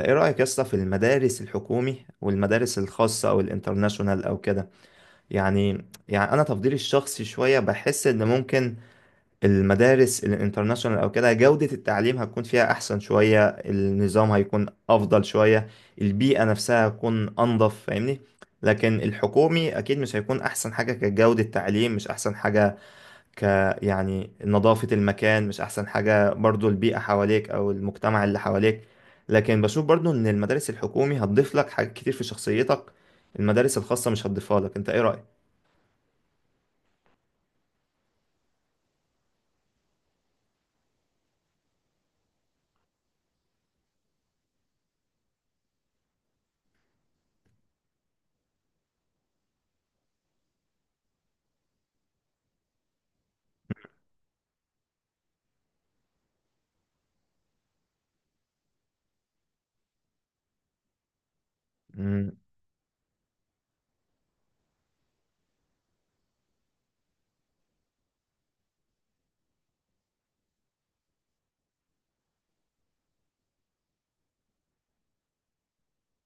ايه رأيك يا اسطى في المدارس الحكومي والمدارس الخاصة او الانترناشونال او كده. يعني انا تفضيلي الشخصي شوية بحس ان ممكن المدارس الانترناشونال او كده جودة التعليم هتكون فيها احسن شوية، النظام هيكون افضل شوية، البيئة نفسها هتكون انضف، فاهمني؟ لكن الحكومي اكيد مش هيكون احسن حاجة كجودة تعليم، مش احسن حاجة ك يعني نظافة المكان، مش أحسن حاجة برضو البيئة حواليك أو المجتمع اللي حواليك. لكن بشوف برضو إن المدارس الحكومي هتضيف لك حاجات كتير في شخصيتك، المدارس الخاصة مش هتضيفها لك. أنت إيه رأيك؟ مم،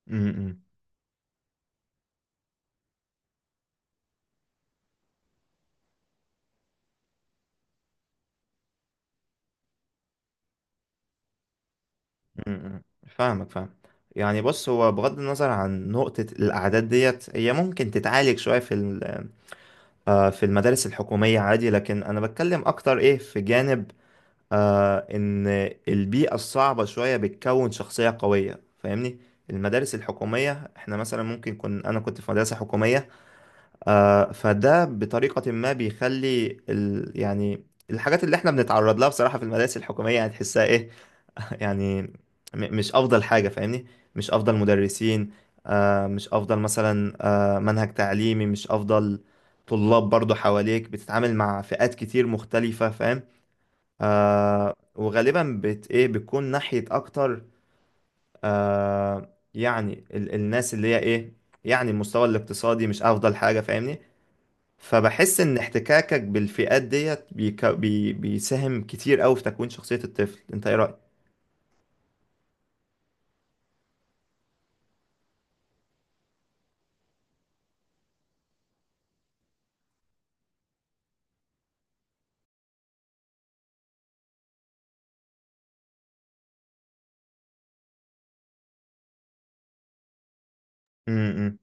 مم، مم، مم. فاهمك، فاهم. يعني بص، هو بغض النظر عن نقطة الأعداد ديت هي ممكن تتعالج شوية في في المدارس الحكومية عادي، لكن أنا بتكلم أكتر إيه في جانب إن البيئة الصعبة شوية بتكون شخصية قوية، فاهمني؟ المدارس الحكومية احنا مثلا ممكن أنا كنت في مدرسة حكومية، فده بطريقة ما بيخلي يعني الحاجات اللي احنا بنتعرض لها بصراحة في المدارس الحكومية هتحسها ايه. يعني م- مش أفضل حاجة، فاهمني؟ مش أفضل مدرسين، مش أفضل مثلا منهج تعليمي، مش أفضل طلاب برضو حواليك، بتتعامل مع فئات كتير مختلفة، فاهم؟ وغالبا بت ايه بتكون ناحية اكتر، يعني الناس اللي هي ايه، يعني المستوى الاقتصادي مش افضل حاجة، فاهمني؟ فبحس ان احتكاكك بالفئات ديت بيك بي بيساهم كتير قوي في تكوين شخصية الطفل. انت ايه رأيك؟ امم،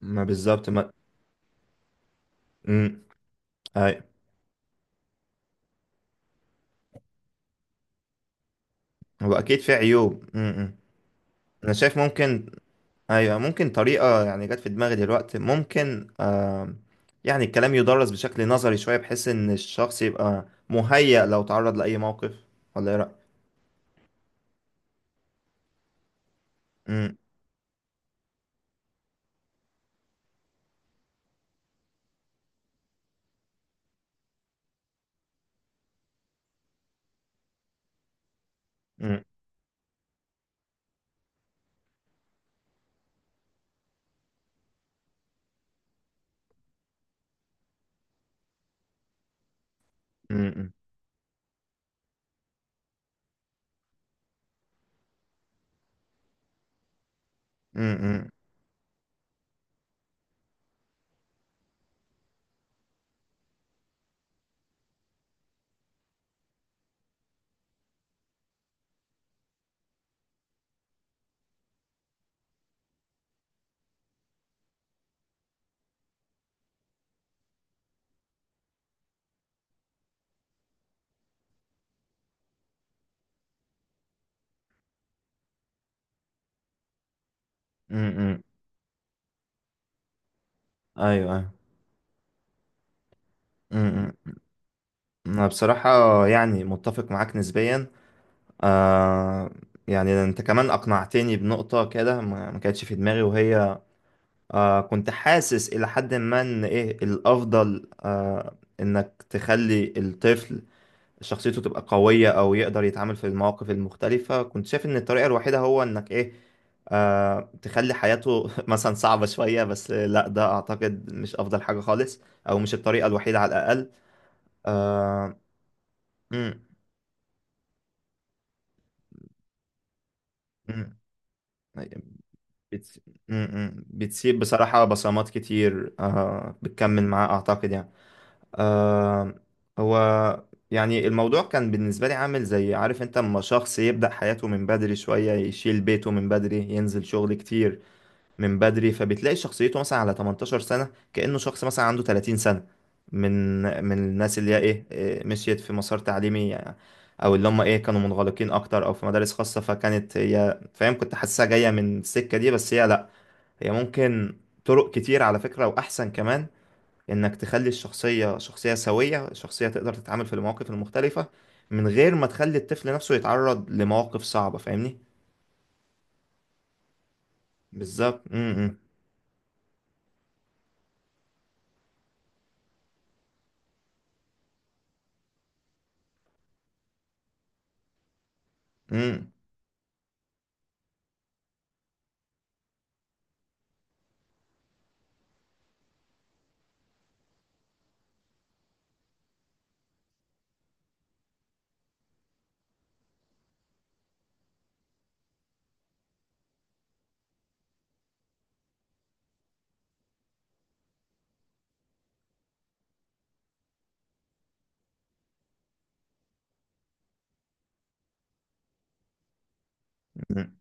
ما بالظبط، ما امم اي، هو اكيد في عيوب. امم، انا شايف ممكن، ايوه ممكن طريقة يعني جت في دماغي دلوقتي، ممكن آم، يعني الكلام يدرس بشكل نظري شوية بحيث ان الشخص يبقى مهيأ لو تعرض لأي موقف، ولا ايه رأيك؟ أمم، أمم، أمم، أمم، أمم، أمم. ايوه ايوه، أمم، أمم. انا بصراحة يعني متفق معاك نسبيا. آه، يعني انت كمان اقنعتني بنقطة كده ما كانتش في دماغي، وهي كنت حاسس الى حد ما ان ايه الافضل، انك تخلي الطفل شخصيته تبقى قوية أو يقدر يتعامل في المواقف المختلفة. كنت شايف إن الطريقة الوحيدة هو إنك إيه آه تخلي حياته مثلا صعبة شوية، بس لا، ده أعتقد مش أفضل حاجة خالص، أو مش الطريقة الوحيدة على الأقل. آه، مم، مم، بتس- بتسيب بصراحة بصمات كتير، آه بتكمل معاه أعتقد يعني. آه هو يعني الموضوع كان بالنسبة لي عامل زي، عارف انت، اما شخص يبدأ حياته من بدري شوية، يشيل بيته من بدري، ينزل شغل كتير من بدري، فبتلاقي شخصيته مثلا على 18 سنة كأنه شخص مثلا عنده 30 سنة، من من الناس اللي هي ايه إيه، مشيت في مسار تعليمي يعني، او اللي هم ايه كانوا منغلقين اكتر او في مدارس خاصة، فكانت هي، فاهم، كنت حاسسها جاية من السكة دي. بس هي لا، هي ممكن طرق كتير على فكرة، واحسن كمان، انك تخلي الشخصية شخصية سوية، شخصية تقدر تتعامل في المواقف المختلفة من غير ما تخلي الطفل نفسه يتعرض لمواقف صعبة، فاهمني؟ بالظبط، امم، امم، امم، إمم،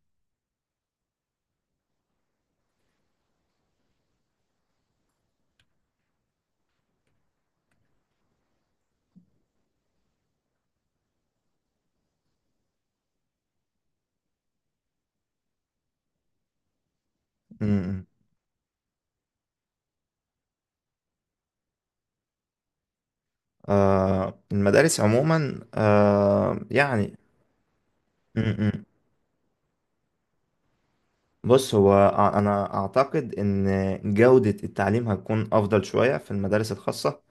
إمم، إمم. آه المدارس عموما آه يعني، امم، إمم. بص، هو انا اعتقد ان جودة التعليم هتكون افضل شوية في المدارس الخاصة،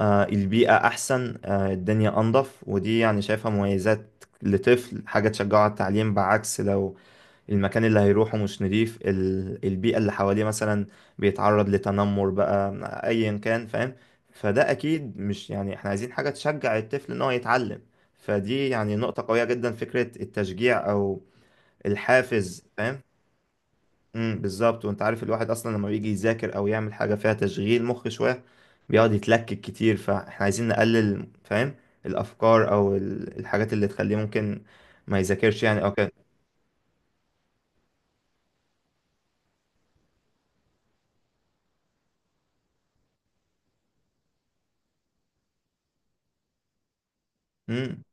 آه البيئة احسن، آه الدنيا انضف، ودي يعني شايفها مميزات لطفل، حاجة تشجعه على التعليم، بعكس لو المكان اللي هيروحه مش نضيف، البيئة اللي حواليه مثلا بيتعرض لتنمر بقى أيا كان، فاهم؟ فده أكيد مش، يعني إحنا عايزين حاجة تشجع الطفل إن هو يتعلم، فدي يعني نقطة قوية جدا، فكرة التشجيع أو الحافز، فاهم؟ بالظبط. وأنت عارف الواحد أصلا لما بيجي يذاكر أو يعمل حاجة فيها تشغيل مخ شوية بيقعد يتلكك كتير، فإحنا عايزين نقلل، فاهم، الأفكار أو الحاجات اللي تخليه ممكن ما يذاكرش يعني أو كده. امم،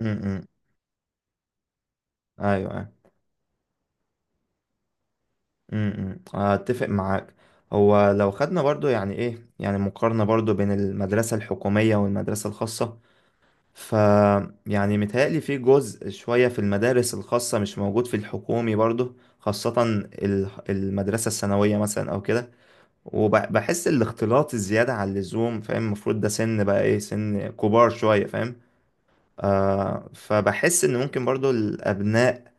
امم، أمم. أيوه، أيوة. اتفق معاك. هو لو خدنا برضو يعني ايه يعني مقارنة برضو بين المدرسة الحكومية والمدرسة الخاصة، ف يعني متهيألي في جزء شوية في المدارس الخاصة مش موجود في الحكومي برضو، خاصة المدرسة الثانوية مثلا او كده. وبحس الاختلاط الزيادة عن اللزوم، فاهم، المفروض ده سن بقى ايه سن كبار شوية، فاهم؟ آه فبحس ان ممكن برضو الابناء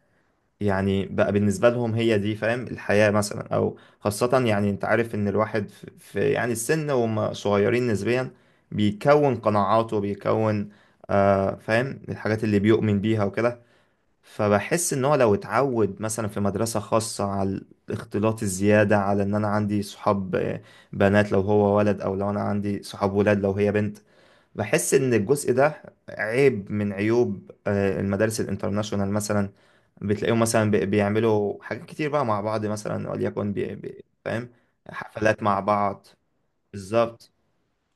يعني بقى بالنسبة لهم هي دي، فاهم، الحياة مثلا أو خاصة، يعني أنت عارف إن الواحد في يعني السن وهم صغيرين نسبيا بيكون قناعاته بيكون آه، فاهم، الحاجات اللي بيؤمن بيها وكده. فبحس إن هو لو اتعود مثلا في مدرسة خاصة على الاختلاط الزيادة، على إن أنا عندي صحاب آه، بنات لو هو ولد، أو لو أنا عندي صحاب ولاد لو هي بنت، بحس ان الجزء ده عيب من عيوب آه، المدارس الانترناشونال مثلا. بتلاقيهم مثلا بيعملوا حاجات كتير بقى مع بعض مثلا، وليكن بي بي فاهم، حفلات مع بعض، بالظبط.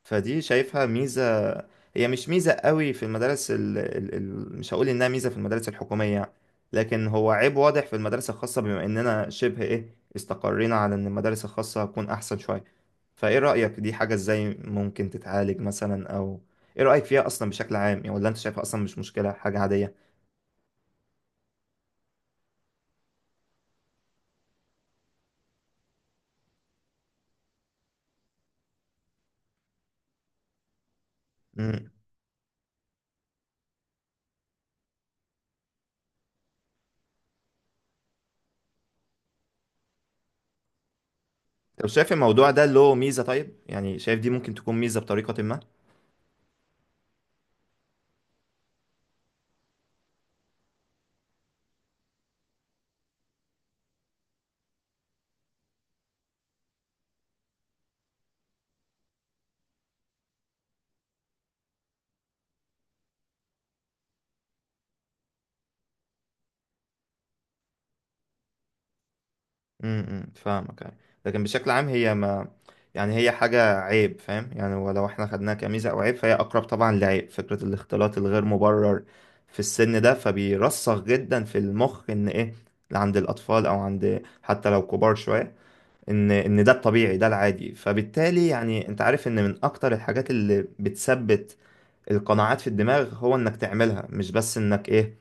فدي شايفها ميزة، هي مش ميزة قوي في المدارس ال ال ال مش هقول انها ميزة في المدارس الحكومية، لكن هو عيب واضح في المدارس الخاصة، بما اننا شبه ايه استقرينا على ان المدارس الخاصة هتكون احسن شوية. فايه رأيك، دي حاجة ازاي ممكن تتعالج مثلا، او ايه رأيك فيها اصلا بشكل عام يعني، ولا انت شايفها اصلا مش مشكلة، حاجة عادية؟ امم، طب شايف الموضوع ده له ميزة؟ طيب يعني شايف دي ممكن تكون ميزة بطريقة ما؟ امم، فاهمك يعني. لكن بشكل عام هي ما يعني، هي حاجة عيب، فاهم يعني، ولو احنا خدناها كميزة او عيب فهي اقرب طبعا لعيب، فكرة الاختلاط الغير مبرر في السن ده. فبيرسخ جدا في المخ ان ايه، اللي عند الاطفال او عند حتى لو كبار شوية، ان ده الطبيعي، ده العادي، فبالتالي يعني انت عارف ان من اكتر الحاجات اللي بتثبت القناعات في الدماغ هو انك تعملها مش بس انك ايه.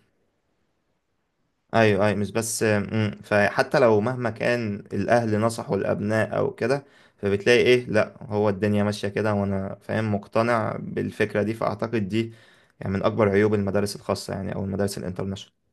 ايوه ايوه، مش بس مم. فحتى لو مهما كان الاهل نصحوا الابناء او كده، فبتلاقي ايه، لا هو الدنيا ماشية كده وانا فاهم مقتنع بالفكرة دي. فاعتقد دي يعني من اكبر عيوب المدارس الخاصة يعني، او المدارس الانترناشونال.